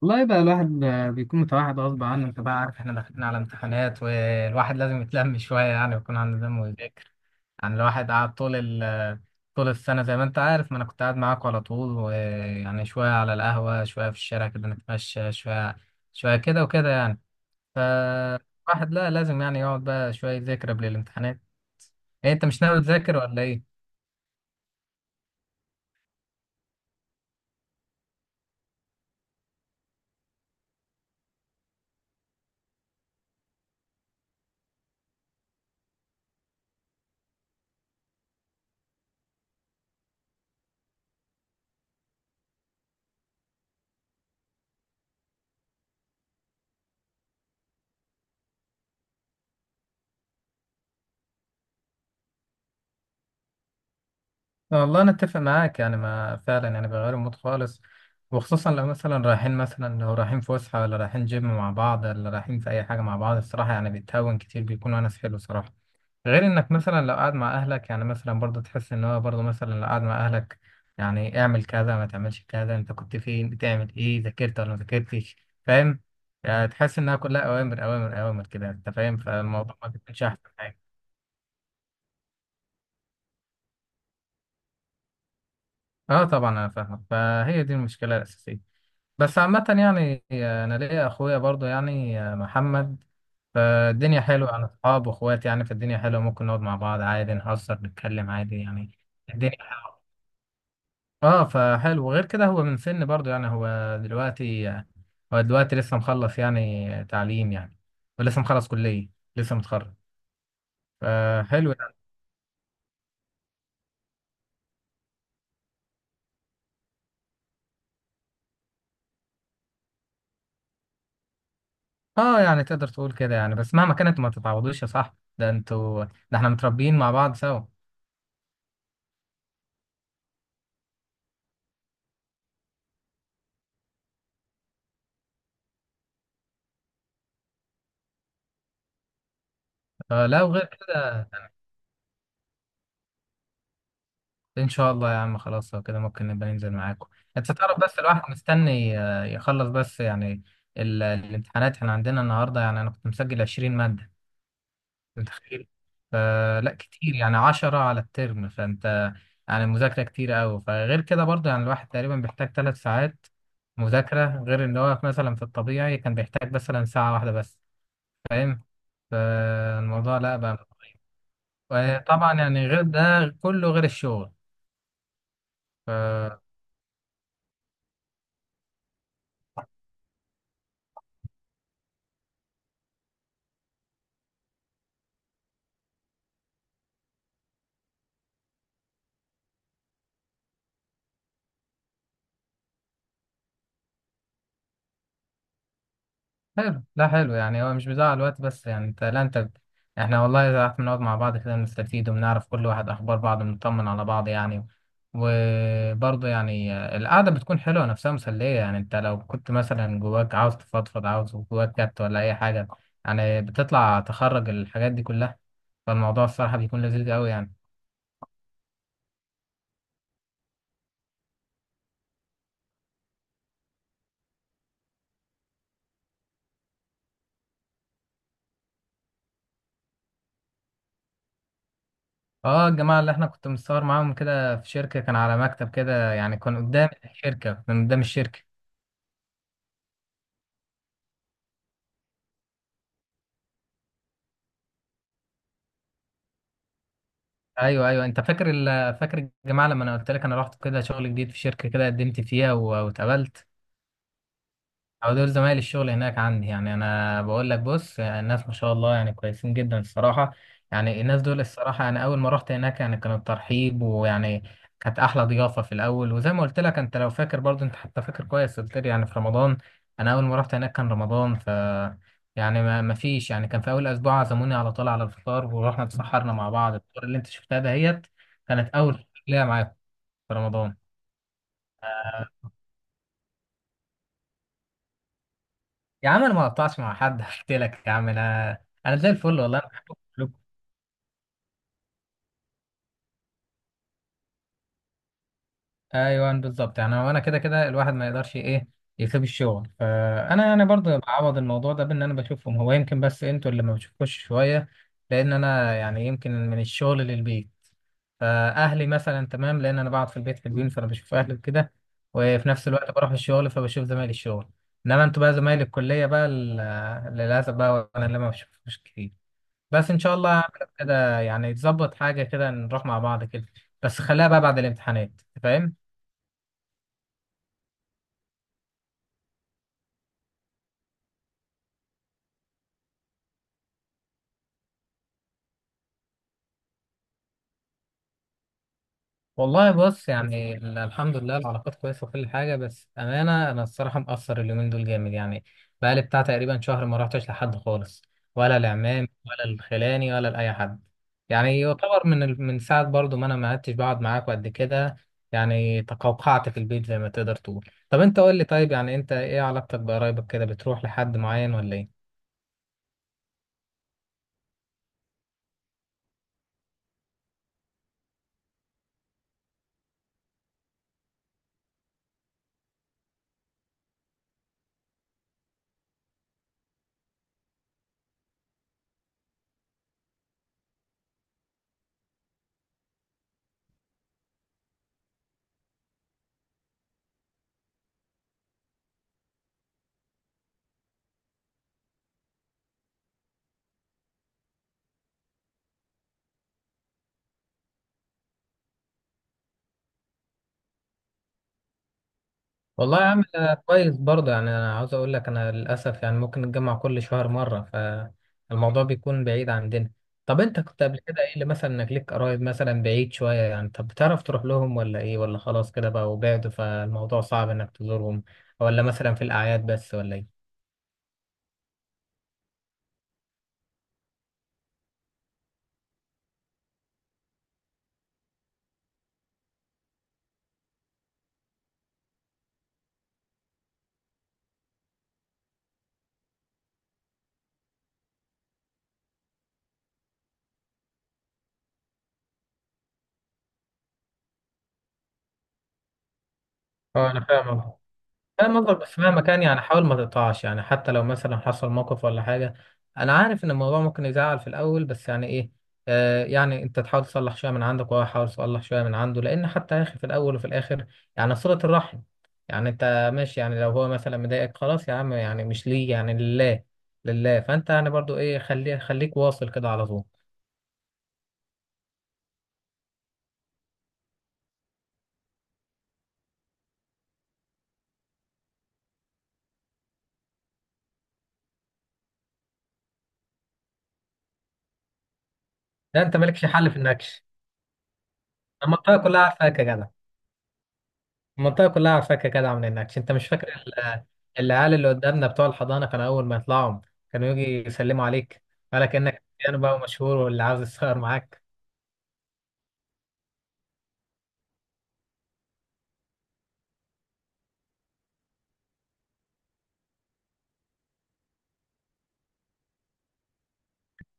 والله بقى الواحد بيكون متوحد غصب عنه، انت بقى عارف احنا داخلين على امتحانات والواحد لازم يتلم شوية يعني ويكون عنده دم ويذاكر. يعني الواحد قعد ال طول السنة زي ما انت عارف، ما انا كنت قاعد معاك على طول، ويعني شوية على القهوة شوية في الشارع كده نتمشى شوية، شوية كده وكده يعني. فالواحد لا لازم يعني يقعد بقى شوية يذاكر قبل الامتحانات. ايه، انت مش ناوي تذاكر ولا ايه؟ والله انا اتفق معاك يعني، ما فعلا يعني بيغيروا المود خالص، وخصوصا لو مثلا رايحين، مثلا لو رايحين فسحه، ولا رايحين جيم مع بعض، ولا رايحين في اي حاجه مع بعض. الصراحه يعني بيتهون كتير، بيكون ونس حلو صراحه. غير انك مثلا لو قاعد مع اهلك يعني، مثلا برضه تحس ان هو برضه مثلا لو قاعد مع اهلك، يعني اعمل كذا، ما تعملش كذا، انت كنت فين، بتعمل ايه، ذاكرت ولا ما ذاكرتش؟ فاهم؟ يعني تحس انها كلها اوامر اوامر اوامر كده، انت فاهم، فالموضوع ما بيكونش احسن حاجه. اه طبعا انا فاهمك، فهي دي المشكله الاساسيه. بس عامة يعني، أنا ليا أخويا برضو يعني، محمد، فالدنيا حلوة، أنا أصحاب وأخوات يعني، فالدنيا حلوة، ممكن نقعد مع بعض عادي، نهزر، نتكلم عادي يعني. الدنيا اه فحلو. وغير كده هو من سن برضو يعني، هو دلوقتي لسه مخلص يعني تعليم يعني، ولسه مخلص كلية، لسه متخرج، فحلو يعني. اه يعني تقدر تقول كده يعني، بس مهما كانت ما تتعوضوش يا صاحبي، ده انتوا، ده احنا متربيين مع بعض سوا. فلا، وغير كده، ان شاء الله يا عم، خلاص لو كده ممكن نبقى ننزل معاكم. انت تعرف بس الواحد مستني يخلص بس يعني. الامتحانات احنا عندنا النهارده، يعني انا كنت مسجل 20 ماده، انت متخيل؟ فلا كتير يعني، 10 على الترم، فانت يعني المذاكره كتير قوي. فغير كده برضه يعني الواحد تقريبا بيحتاج 3 ساعات مذاكره، غير ان هو مثلا في الطبيعي كان بيحتاج مثلا ساعه واحده بس. فاهم؟ فالموضوع لا بقى. طبعا يعني غير ده، كله غير الشغل. ف حلو، لا حلو يعني، هو مش بيضيع الوقت، بس يعني انت، لا انت، احنا والله اذا قعدت بنقعد مع بعض كده نستفيد، وبنعرف كل واحد اخبار بعض، بنطمن على بعض يعني. وبرضه يعني القعده بتكون حلوه نفسها، مسليه يعني، انت لو كنت مثلا جواك عاوز تفضفض، عاوز جواك كات ولا اي حاجه، يعني بتطلع، تخرج الحاجات دي كلها، فالموضوع الصراحه بيكون لذيذ قوي يعني. اه، الجماعه اللي احنا كنت متصور معاهم كده في شركه، كان على مكتب كده يعني، كان قدام الشركه، ايوه ايوه، انت فاكر فاكر الجماعه لما انا قلت لك انا رحت كده شغل جديد في شركه كده، قدمت فيها واتقبلت، او دول زمايل الشغل هناك عندي يعني. انا بقول لك بص، يعني الناس ما شاء الله يعني كويسين جدا الصراحه. يعني الناس دول الصراحه، يعني اول ما رحت هناك يعني كان الترحيب، ويعني كانت احلى ضيافه في الاول. وزي ما قلت لك، انت لو فاكر برضو، انت حتى فاكر كويس، قلت لي يعني في رمضان، انا اول ما رحت هناك كان رمضان. يعني ما فيش، يعني كان في اول اسبوع عزموني على طول على الفطار، ورحنا اتسحرنا مع بعض، الفطار اللي انت شفتها دهيت كانت اول ليا معاكم في رمضان. يا عم انا ما قطعتش مع حد، قلت لك يا عم، انا زي الفل والله، انا بحبكم كلكم. ايوه بالظبط يعني، هو انا كده كده الواحد ما يقدرش ايه يسيب الشغل، فانا برضو بعوض الموضوع ده بان انا بشوفهم، هو يمكن بس انتوا اللي ما بشوفكوش شويه. لان انا يعني يمكن من الشغل للبيت، فاهلي مثلا تمام، لان انا بقعد في البيت حلوين فانا بشوف اهلي وكده، وفي نفس الوقت بروح الشغل فبشوف زمايلي الشغل. انما انتوا بقى زمايلي الكليه بقى، للاسف بقى انا اللي ما بشوفكوش كتير. بس ان شاء الله هعمل كده يعني، تظبط حاجه كده نروح مع بعض كده، بس خليها بقى بعد الامتحانات. أنت فاهم؟ والله بص يعني، الحمد لله العلاقات كويسه وكل حاجه، بس امانه انا الصراحه مقصر اليومين دول جامد يعني، بقالي بتاع تقريبا شهر ما رحتش لحد خالص، ولا العمام ولا الخلاني ولا لاي حد. يعني يعتبر من من ساعه برضو ما انا ما عدتش بقعد معاك قد كده. يعني تقوقعت في البيت زي ما تقدر تقول. طب انت قول لي، طيب يعني انت ايه علاقتك بقرايبك كده؟ بتروح لحد معين ولا ايه؟ والله يا عم أنا كويس برضه يعني. انا عاوز اقول لك انا للاسف يعني ممكن نتجمع كل شهر مره، فالموضوع بيكون بعيد عندنا. طب انت كنت قبل كده ايه اللي مثلا، انك ليك قرايب مثلا بعيد شويه يعني، طب بتعرف تروح لهم ولا ايه، ولا خلاص كده بقى بعدوا فالموضوع صعب انك تزورهم، ولا مثلا في الاعياد بس ولا ايه؟ اه انا فاهم قصدك. بس مهما كان يعني حاول ما تقطعش يعني، حتى لو مثلا حصل موقف ولا حاجة. أنا عارف إن الموضوع ممكن يزعل في الأول، بس يعني إيه، آه يعني أنت تحاول تصلح شوية من عندك وهو يحاول يصلح شوية من عنده، لأن حتى يا أخي في الأول وفي الآخر يعني صلة الرحم. يعني أنت ماشي يعني، لو هو مثلا مضايقك خلاص يا عم، يعني مش ليه، يعني لله، لله، فأنت يعني برضو إيه، خليك واصل كده على طول. لا أنت مالكش حل في النكش. المنطقة كلها عارفاك يا جدع، المنطقة كلها عارفاك يا جدع، من هناك. انت مش فاكر العيال اللي قدامنا بتوع الحضانة، كانوا أول ما يطلعوا كانوا يجي يسلموا عليك، قالك إنك يعني بقى مشهور واللي عاوز يتصور معاك.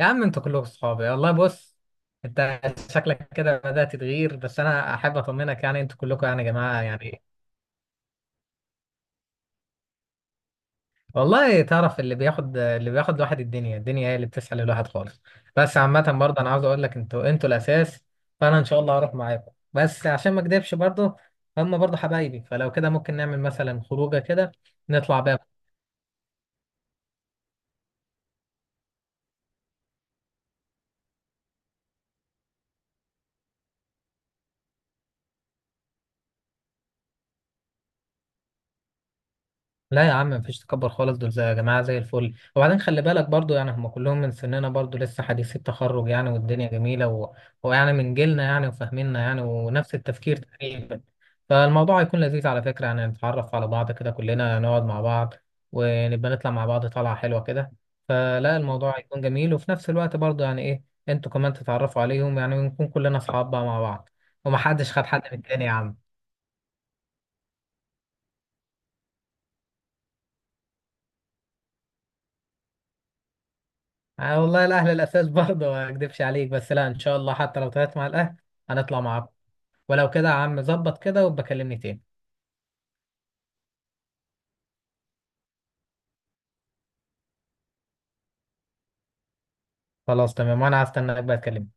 يا عم انتوا كلكم صحابي والله. بص، انت شكلك كده بدأت تتغير، بس أنا أحب أطمنك يعني انتوا كلكم يعني يا جماعة يعني. والله تعرف، اللي بياخد، الواحد الدنيا، هي اللي بتسحل الواحد خالص. بس عامة برضه، أنا عاوز أقول لك، أنتوا الأساس. فأنا إن شاء الله هروح معاكم، بس عشان ما أكدبش برضه هم برضه حبايبي، فلو كده ممكن نعمل مثلا خروجة كده نطلع بيها. لا يا عم، مفيش تكبر خالص، دول زي يا جماعة زي الفل. وبعدين خلي بالك برضو يعني هم كلهم من سننا برضو، لسه حديثي التخرج يعني، والدنيا جميلة ويعني من جيلنا يعني، وفاهميننا يعني، ونفس التفكير تقريبا. فالموضوع هيكون لذيذ على فكرة، يعني نتعرف على بعض كده، كلنا نقعد مع بعض، ونبقى نطلع مع بعض طلعة حلوة كده. فلا الموضوع هيكون جميل، وفي نفس الوقت برضو يعني ايه، انتوا كمان تتعرفوا عليهم، يعني ونكون كلنا أصحاب بقى مع بعض، ومحدش خد حد من التاني يا عم. آه والله الاهلي الاساس برضه، ما اكدبش عليك، بس لا ان شاء الله، حتى لو طلعت مع الاهلي هنطلع مع بعض. ولو كده يا عم، ظبط كده وبكلمني تاني. خلاص تمام، وانا هستناك بقى تكلمني.